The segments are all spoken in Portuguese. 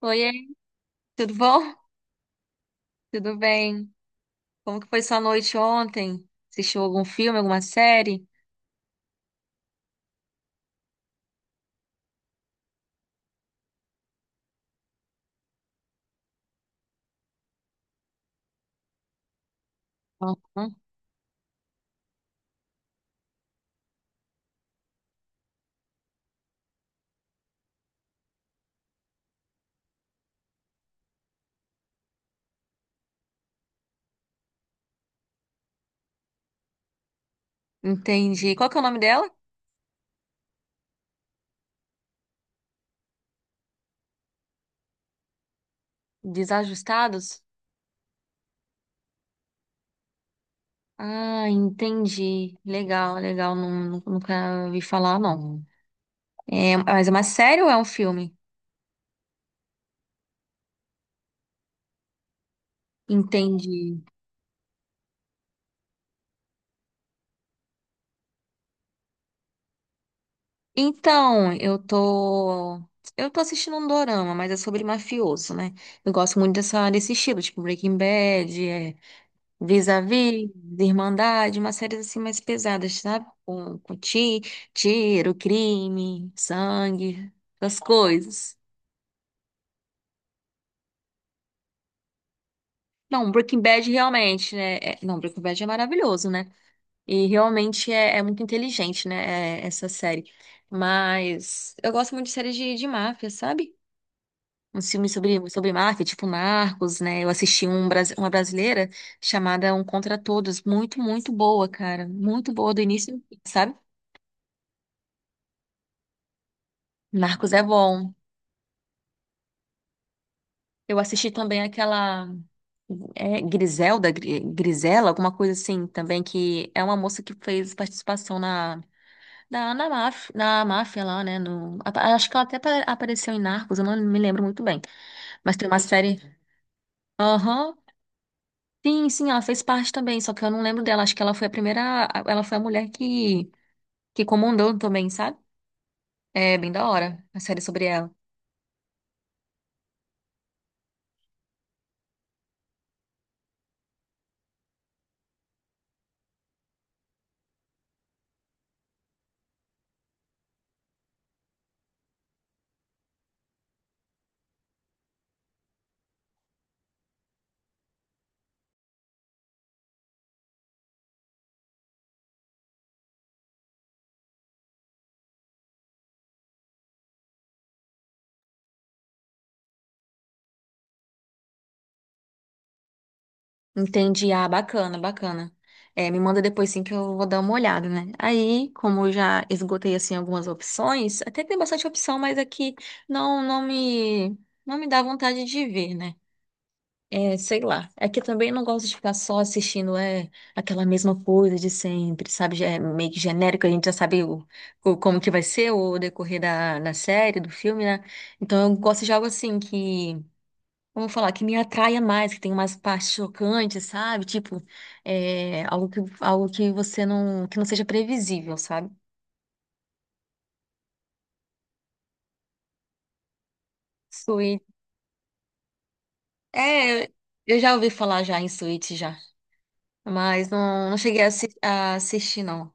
Oiê, tudo bom? Tudo bem? Como que foi sua noite ontem? Assistiu algum filme, alguma série? Uhum. Entendi. Qual que é o nome dela? Desajustados? Ah, entendi. Legal, legal. Nunca ouvi falar, não. É, mas é uma série ou é um filme? Entendi. Então, Eu tô assistindo um dorama, mas é sobre mafioso, né? Eu gosto muito desse estilo, tipo Breaking Bad, Vis-a-vis, Irmandade, umas séries assim mais pesadas, sabe? Com tiro, crime, sangue, essas coisas. Não, Breaking Bad realmente, né? Não, Breaking Bad é maravilhoso, né? E realmente é muito inteligente, né? Essa série. Mas eu gosto muito de séries de máfia, sabe? Uns filmes sobre máfia, tipo Narcos, né? Eu assisti um, uma brasileira chamada Um Contra Todos. Muito, muito boa, cara. Muito boa do início ao fim, sabe? Narcos é bom. Eu assisti também aquela Griselda, Grisela, alguma coisa assim também, que é uma moça que fez participação na máfia, na máfia lá, né? No, acho que ela até apareceu em Narcos, eu não me lembro muito bem. Mas tem uma série. Aham. Sim, sim, ela fez parte também, só que eu não lembro dela. Acho que ela foi a primeira. Ela foi a mulher que comandou também, sabe? É bem da hora a série sobre ela. Entendi. Ah, bacana, bacana. É, me manda depois sim que eu vou dar uma olhada, né? Aí, como eu já esgotei assim algumas opções, até que tem bastante opção, mas aqui não não me não me dá vontade de ver, né? É, sei lá. É que eu também não gosto de ficar só assistindo aquela mesma coisa de sempre, sabe? Já é meio que genérico, a gente já sabe como que vai ser o decorrer da série, do filme, né? Então eu gosto de algo assim que vamos falar, que me atraia mais, que tem umas partes chocantes, sabe? Tipo, algo algo que você não, que não seja previsível, sabe? Suíte. É, eu eu já ouvi falar já em suíte já, mas não cheguei a, a assistir, não.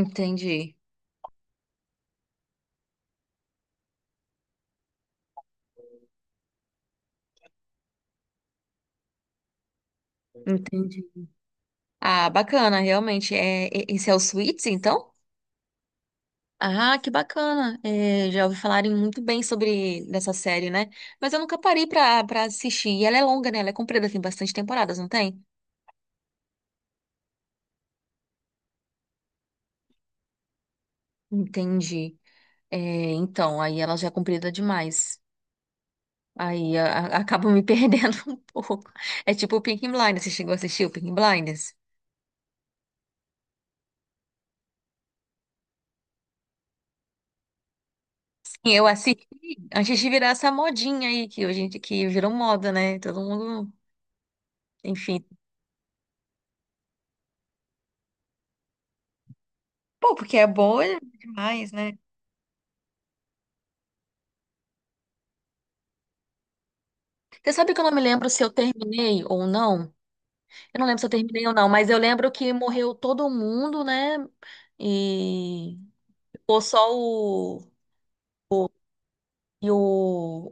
Entendi, entendi. Ah, bacana, realmente. É, esse é o Suits, então? Ah, que bacana. É, já ouvi falarem muito bem sobre dessa série, né? Mas eu nunca parei pra assistir. E ela é longa, né? Ela é comprida, tem bastante temporadas, não tem? Entendi. É, então, aí ela já é comprida demais. Aí a, Acaba me perdendo um pouco. É tipo o Peaky Blinders. Você chegou a assistir o Peaky Blinders? Sim, eu assisti antes de virar essa modinha aí, que que virou moda, né? Todo mundo, enfim. Pô, porque é boa demais, né? Você sabe que eu não me lembro se eu terminei ou não? Eu não lembro se eu terminei ou não, mas eu lembro que morreu todo mundo, né? E ficou só o, e o,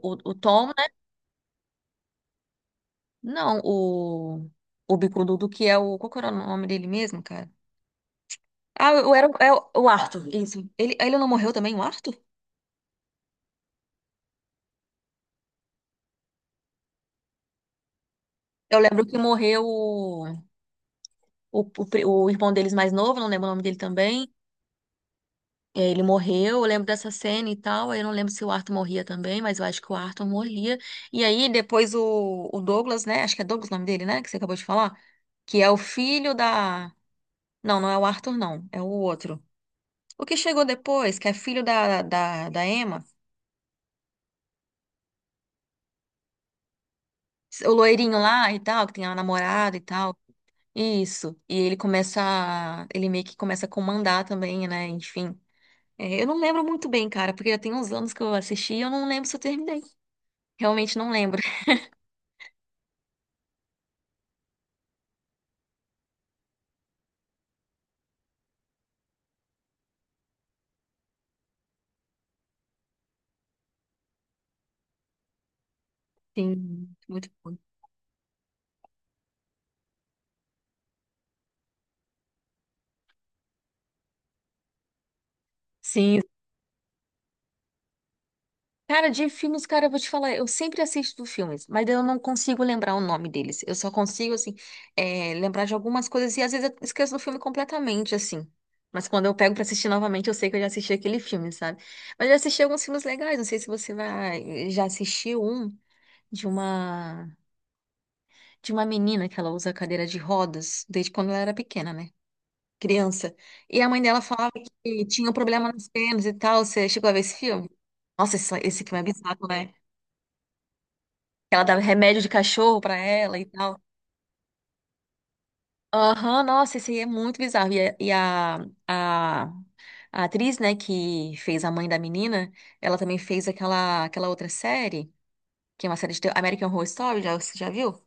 o, o Tom. Não, o bicudo que é o. Qual que era o nome dele mesmo, cara? Ah, é o Arthur, isso. Ele não morreu também, o Arthur? Eu lembro que morreu o irmão deles mais novo, não lembro o nome dele também. É, ele morreu, eu lembro dessa cena e tal. Aí eu não lembro se o Arthur morria também, mas eu acho que o Arthur morria. E aí depois o Douglas, né? Acho que é Douglas o nome dele, né? Que você acabou de falar. Que é o filho da. Não, não é o Arthur, não. É o outro. O que chegou depois, que é filho da Emma. O loirinho lá e tal, que tem a namorada e tal. Isso. E ele começa a... Ele meio que começa a comandar também, né? Enfim. É, eu não lembro muito bem, cara, porque já tem uns anos que eu assisti e eu não lembro se eu terminei. Realmente não lembro. Sim, muito bom. Sim, cara, de filmes, cara, eu vou te falar, eu sempre assisto filmes, mas eu não consigo lembrar o nome deles. Eu só consigo, assim, lembrar de algumas coisas e às vezes eu esqueço do filme completamente, assim. Mas quando eu pego pra assistir novamente, eu sei que eu já assisti aquele filme, sabe? Mas eu já assisti alguns filmes legais, não sei se você vai, já assistiu um de uma de uma menina que ela usa cadeira de rodas desde quando ela era pequena, né? Criança. E a mãe dela falava que tinha um problema nas pernas e tal. Você chegou a ver esse filme? Nossa, esse filme é bizarro, né? Ela dava remédio de cachorro pra ela e tal. Aham, nossa, isso aí é muito bizarro. A- a atriz, né, que fez a mãe da menina, ela também fez aquela outra série, que é uma série de terror, American Horror Story, já, você já viu?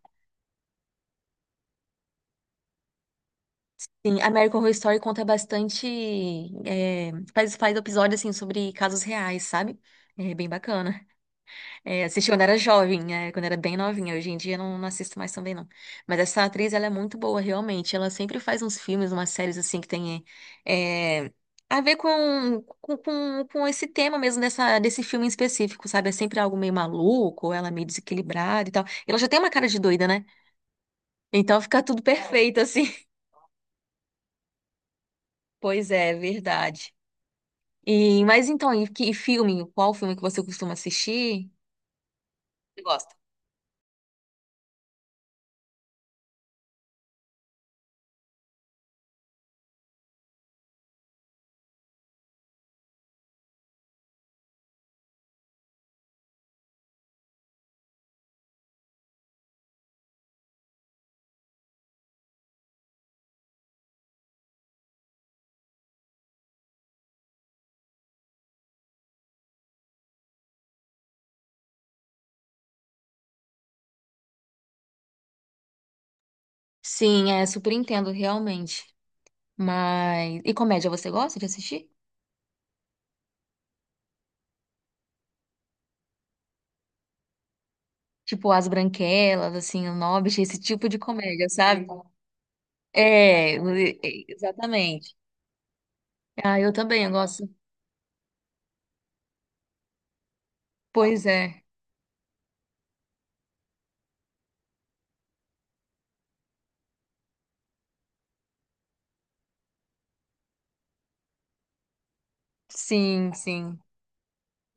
Sim, American Horror Story conta bastante, faz episódios, assim, sobre casos reais, sabe? É bem bacana. É, assisti quando era jovem, né? Quando era bem novinha. Hoje em dia não, não assisto mais também, não. Mas essa atriz, ela é muito boa, realmente. Ela sempre faz uns filmes, umas séries, assim, que tem é, a ver com esse tema mesmo desse filme em específico, sabe? É sempre algo meio maluco, ou ela meio desequilibrada e tal. Ela já tem uma cara de doida, né? Então fica tudo perfeito, assim. Pois é, verdade. E filme? Qual filme que você costuma assistir? Você gosta? Sim, é, super entendo, realmente. Mas. E comédia você gosta de assistir? Tipo, As Branquelas, assim, O Hobbit, esse tipo de comédia, sabe? É, exatamente. Ah, eu também eu gosto. Pois é. Sim, sim.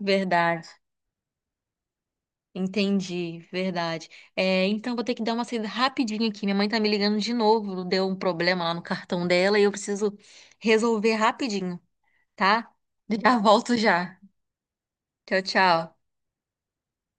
Verdade. Entendi, verdade. É, então vou ter que dar uma saída rapidinho aqui. Minha mãe tá me ligando de novo. Deu um problema lá no cartão dela e eu preciso resolver rapidinho, tá? Já volto já. Tchau, tchau.